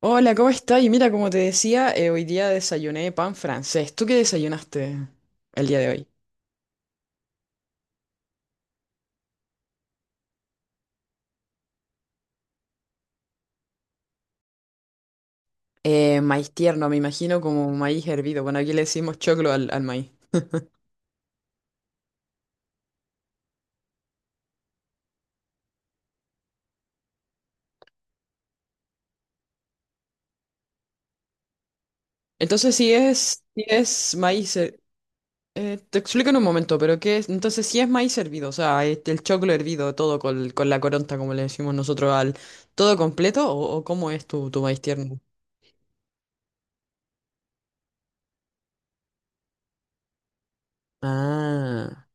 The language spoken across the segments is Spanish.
Hola, ¿cómo estás? Y mira, como te decía, hoy día desayuné pan francés. ¿Tú qué desayunaste el día de hoy? Maíz tierno, me imagino como maíz hervido. Bueno, aquí le decimos choclo al maíz. Entonces, si es maíz... te explico en un momento, pero ¿qué es? Entonces, si es maíz hervido, o sea, este, el choclo hervido, todo con la coronta, como le decimos nosotros, al todo completo, o cómo es tu maíz tierno? Ah.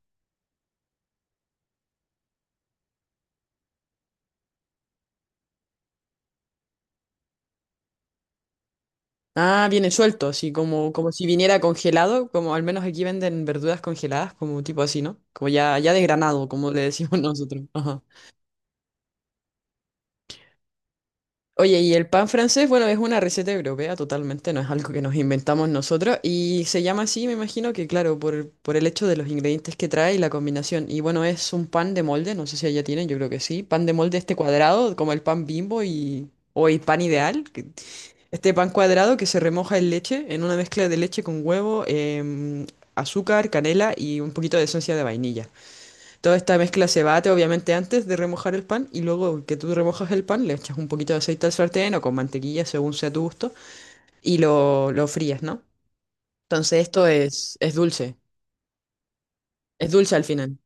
Ah, viene suelto, así como, como si viniera congelado, como al menos aquí venden verduras congeladas, como tipo así, ¿no? Como ya, ya desgranado, como le decimos nosotros. Ajá. Oye, y el pan francés, bueno, es una receta europea totalmente, no es algo que nos inventamos nosotros, y se llama así, me imagino que, claro, por el hecho de los ingredientes que trae y la combinación. Y bueno, es un pan de molde, no sé si allá tienen, yo creo que sí, pan de molde este cuadrado, como el pan Bimbo y, o el pan ideal, que... Este pan cuadrado que se remoja en leche, en una mezcla de leche con huevo, azúcar, canela y un poquito de esencia de vainilla. Toda esta mezcla se bate obviamente antes de remojar el pan y luego que tú remojas el pan le echas un poquito de aceite al sartén o con mantequilla según sea tu gusto y lo frías, ¿no? Entonces esto es dulce, es dulce al final.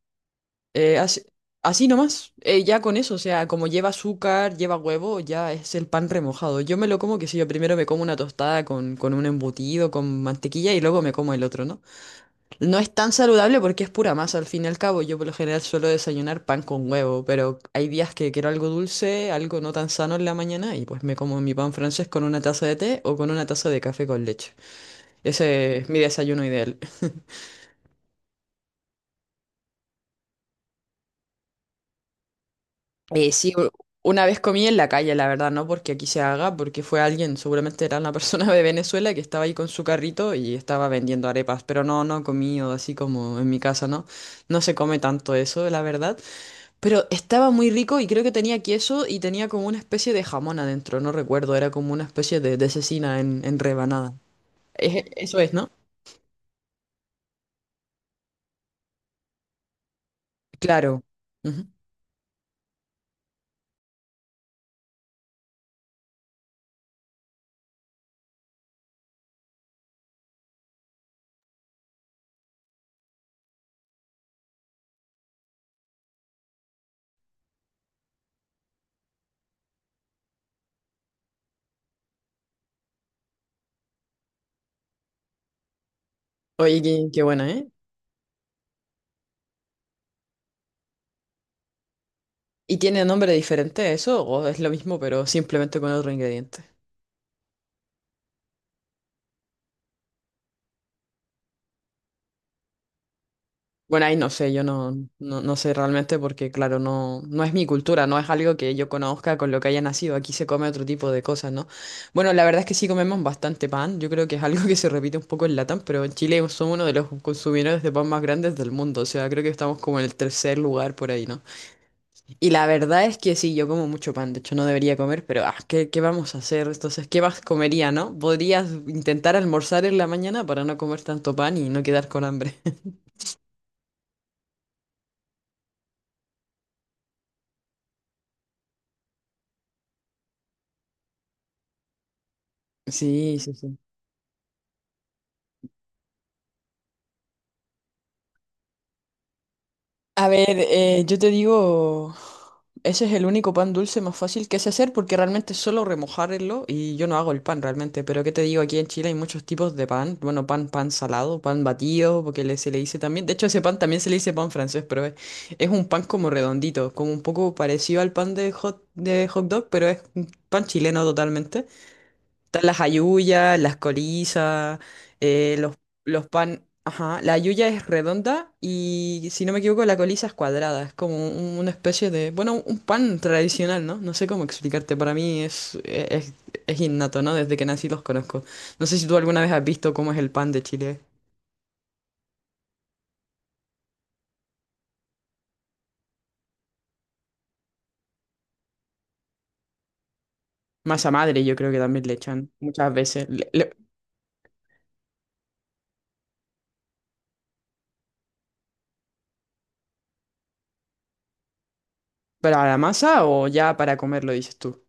Eh, así, así nomás, ya con eso, o sea, como lleva azúcar, lleva huevo, ya es el pan remojado. Yo me lo como que si yo primero me como una tostada con un embutido, con mantequilla y luego me como el otro, ¿no? No es tan saludable porque es pura masa al fin y al cabo. Yo por lo general suelo desayunar pan con huevo, pero hay días que quiero algo dulce, algo no tan sano en la mañana y pues me como mi pan francés con una taza de té o con una taza de café con leche. Ese es mi desayuno ideal. Eh, sí, u- una vez comí en la calle, la verdad, no porque aquí se haga, porque fue alguien, seguramente era una persona de Venezuela que estaba ahí con su carrito y estaba vendiendo arepas, pero no comí o así como en mi casa, ¿no? No se come tanto eso, la verdad, pero estaba muy rico y creo que tenía queso y tenía como una especie de jamón adentro, no recuerdo, era como una especie de cecina en rebanada. Eso es, ¿no? Claro. Ujú. Oye, qué, qué buena, ¿eh? ¿Y tiene nombre diferente a eso o es lo mismo pero simplemente con otro ingrediente? Bueno, ahí no sé, yo no, no, no sé realmente porque, claro, no es mi cultura, no es algo que yo conozca con lo que haya nacido. Aquí se come otro tipo de cosas, ¿no? Bueno, la verdad es que sí comemos bastante pan. Yo creo que es algo que se repite un poco en Latam, pero en Chile somos uno de los consumidores de pan más grandes del mundo. O sea, creo que estamos como en el tercer lugar por ahí, ¿no? Y la verdad es que sí, yo como mucho pan. De hecho, no debería comer, pero ah, ¿qué, qué vamos a hacer? Entonces, ¿qué más comería, no? Podrías intentar almorzar en la mañana para no comer tanto pan y no quedar con hambre. Sí, sí, sí. A ver, yo te digo, ese es el único pan dulce más fácil que sé hacer porque realmente es solo remojarlo y yo no hago el pan realmente. Pero ¿qué te digo? Aquí en Chile hay muchos tipos de pan. Bueno, pan, pan salado, pan batido, porque se le dice también. De hecho, ese pan también se le dice pan francés, pero es un pan como redondito, como un poco parecido al pan de hot dog, pero es un pan chileno totalmente. Están las halluyas, las corizas, eh, los, los pan. Ajá, la halluya es redonda y si no me equivoco, la coliza es cuadrada. Es como una especie de, bueno, un pan tradicional, ¿no? No sé cómo explicarte. Para mí es innato, ¿no? Desde que nací los conozco. No sé si tú alguna vez has visto cómo es el pan de Chile. Masa madre, yo creo que también le echan muchas veces. ¿Para la masa o ya para comerlo, dices tú?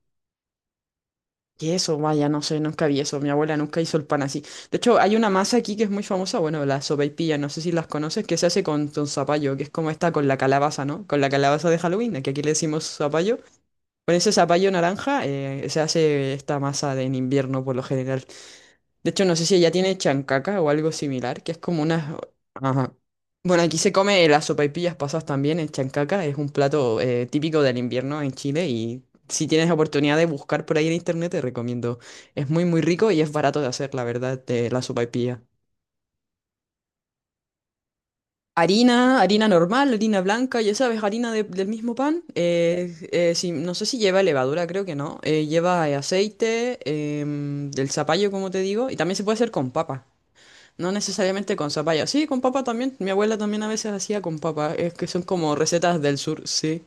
¿Qué eso? Vaya, no sé, nunca vi eso. Mi abuela nunca hizo el pan así. De hecho, hay una masa aquí que es muy famosa, bueno, la sopaipilla, no sé si las conoces, que se hace con zapallo, que es como esta con la calabaza, ¿no? Con la calabaza de Halloween, que aquí le decimos zapallo. Con ese zapallo naranja se hace esta masa de en invierno por lo general. De hecho, no sé si ella tiene chancaca o algo similar, que es como una... Ajá. Bueno, aquí se come las sopaipillas pasas también en chancaca, es un plato típico del invierno en Chile y si tienes oportunidad de buscar por ahí en internet te recomiendo. Es muy muy rico y es barato de hacer, la verdad, de la sopaipilla. Harina, harina normal, harina blanca, ya sabes, del mismo pan. No sé si lleva levadura, creo que no. Lleva aceite, del zapallo, como te digo, y también se puede hacer con papa. No necesariamente con zapallo. Sí, con papa también. Mi abuela también a veces hacía con papa. Es que son como recetas del sur, sí.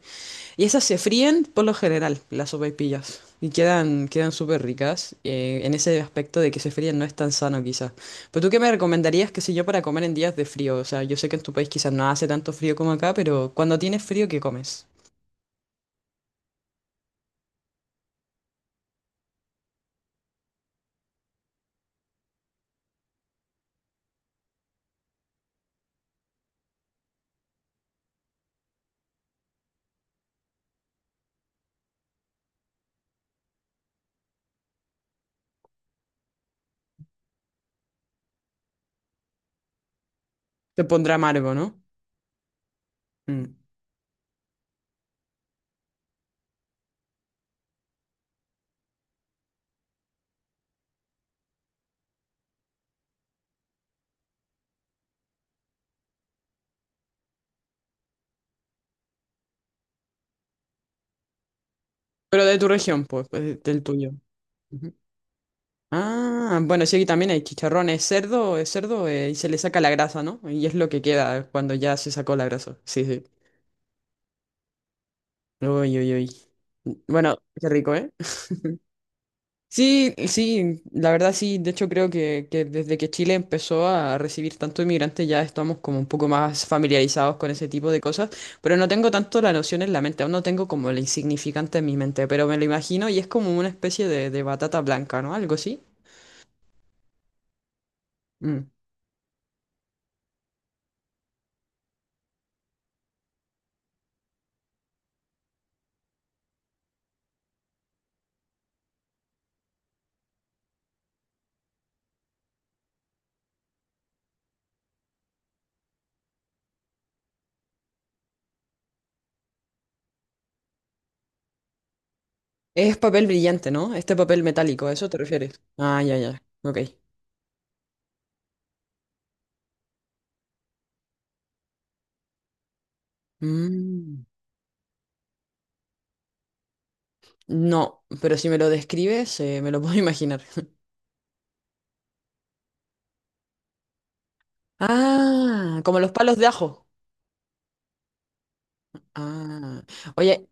Y esas se fríen por lo general, las sopaipillas. Y quedan súper ricas en ese aspecto de que se fríen no es tan sano quizás. Pero tú qué me recomendarías, qué sé yo, para comer en días de frío? O sea, yo sé que en tu país quizás no hace tanto frío como acá, pero cuando tienes frío, ¿qué comes? Te pondrá amargo, ¿no? Mm. Pero de tu región, pues, del tuyo. Ah, bueno, sí, aquí también hay chicharrón, es cerdo y se le saca la grasa, ¿no? Y es lo que queda cuando ya se sacó la grasa. Sí, sí. Uy, uy, uy. Bueno, qué rico, ¿eh? Sí, sí, la verdad sí, de hecho creo que desde que Chile empezó a recibir tanto inmigrante ya estamos como un poco más familiarizados con ese tipo de cosas, pero no tengo tanto la noción en la mente, aún no tengo como el insignificante en mi mente, pero me lo imagino y es como una especie de batata blanca, ¿no? Algo así. Mm. Es papel brillante, ¿no? Este papel metálico, ¿a eso te refieres? Ah, ya, ya. Ok. Mm. No, pero si me lo describes, me lo puedo imaginar. Ah, como los palos de ajo. Ah, oye,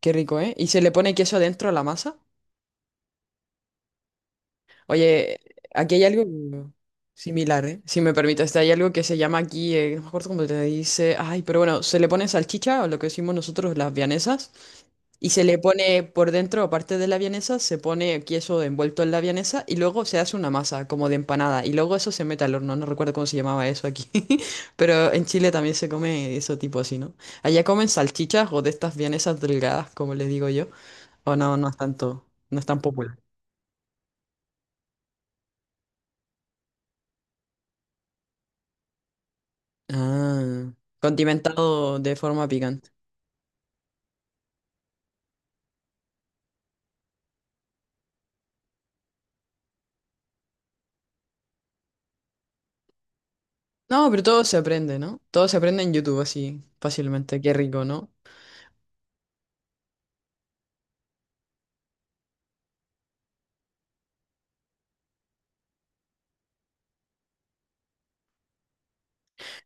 qué rico, ¿eh? ¿Y se le pone queso adentro a la masa? Oye, aquí hay algo similar, ¿eh? Si me permites, hay algo que se llama aquí, no me acuerdo cómo te dice, ay, pero bueno, se le pone salchicha o lo que decimos nosotros las vianesas. Y se le pone por dentro, aparte de la vienesa, se pone queso envuelto en la vienesa y luego se hace una masa como de empanada y luego eso se mete al horno. No recuerdo cómo se llamaba eso aquí, pero en Chile también se come eso tipo así, ¿no? Allá comen salchichas o de estas vienesas delgadas, como les digo yo. O no es tanto, no es tan popular. Ah, condimentado de forma picante. No, pero todo se aprende, ¿no? Todo se aprende en YouTube así fácilmente. Qué rico, ¿no?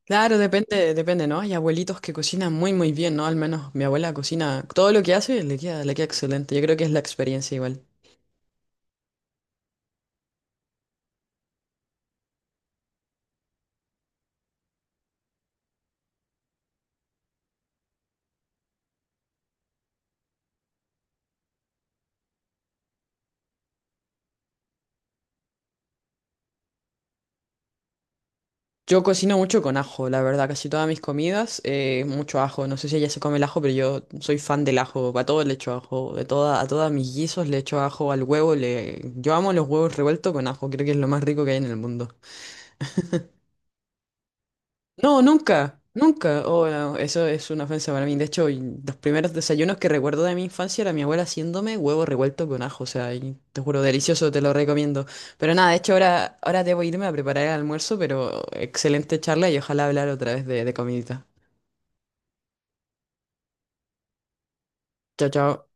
Claro, depende, depende, ¿no? Hay abuelitos que cocinan muy, muy bien, ¿no? Al menos mi abuela cocina todo lo que hace, le queda excelente. Yo creo que es la experiencia igual. Yo cocino mucho con ajo, la verdad, casi todas mis comidas, mucho ajo. No sé si ella se come el ajo, pero yo soy fan del ajo. A todo le echo ajo, de toda, a todas mis guisos le echo ajo, al huevo le... Yo amo los huevos revueltos con ajo, creo que es lo más rico que hay en el mundo. No, nunca, nunca. Oh, no, eso es una ofensa para mí. De hecho, y los primeros desayunos que recuerdo de mi infancia era mi abuela haciéndome huevo revuelto con ajo. O sea, y te juro, delicioso, te lo recomiendo. Pero nada, de hecho, ahora debo irme a preparar el almuerzo, pero excelente charla y ojalá hablar otra vez de comidita. Chao, chao.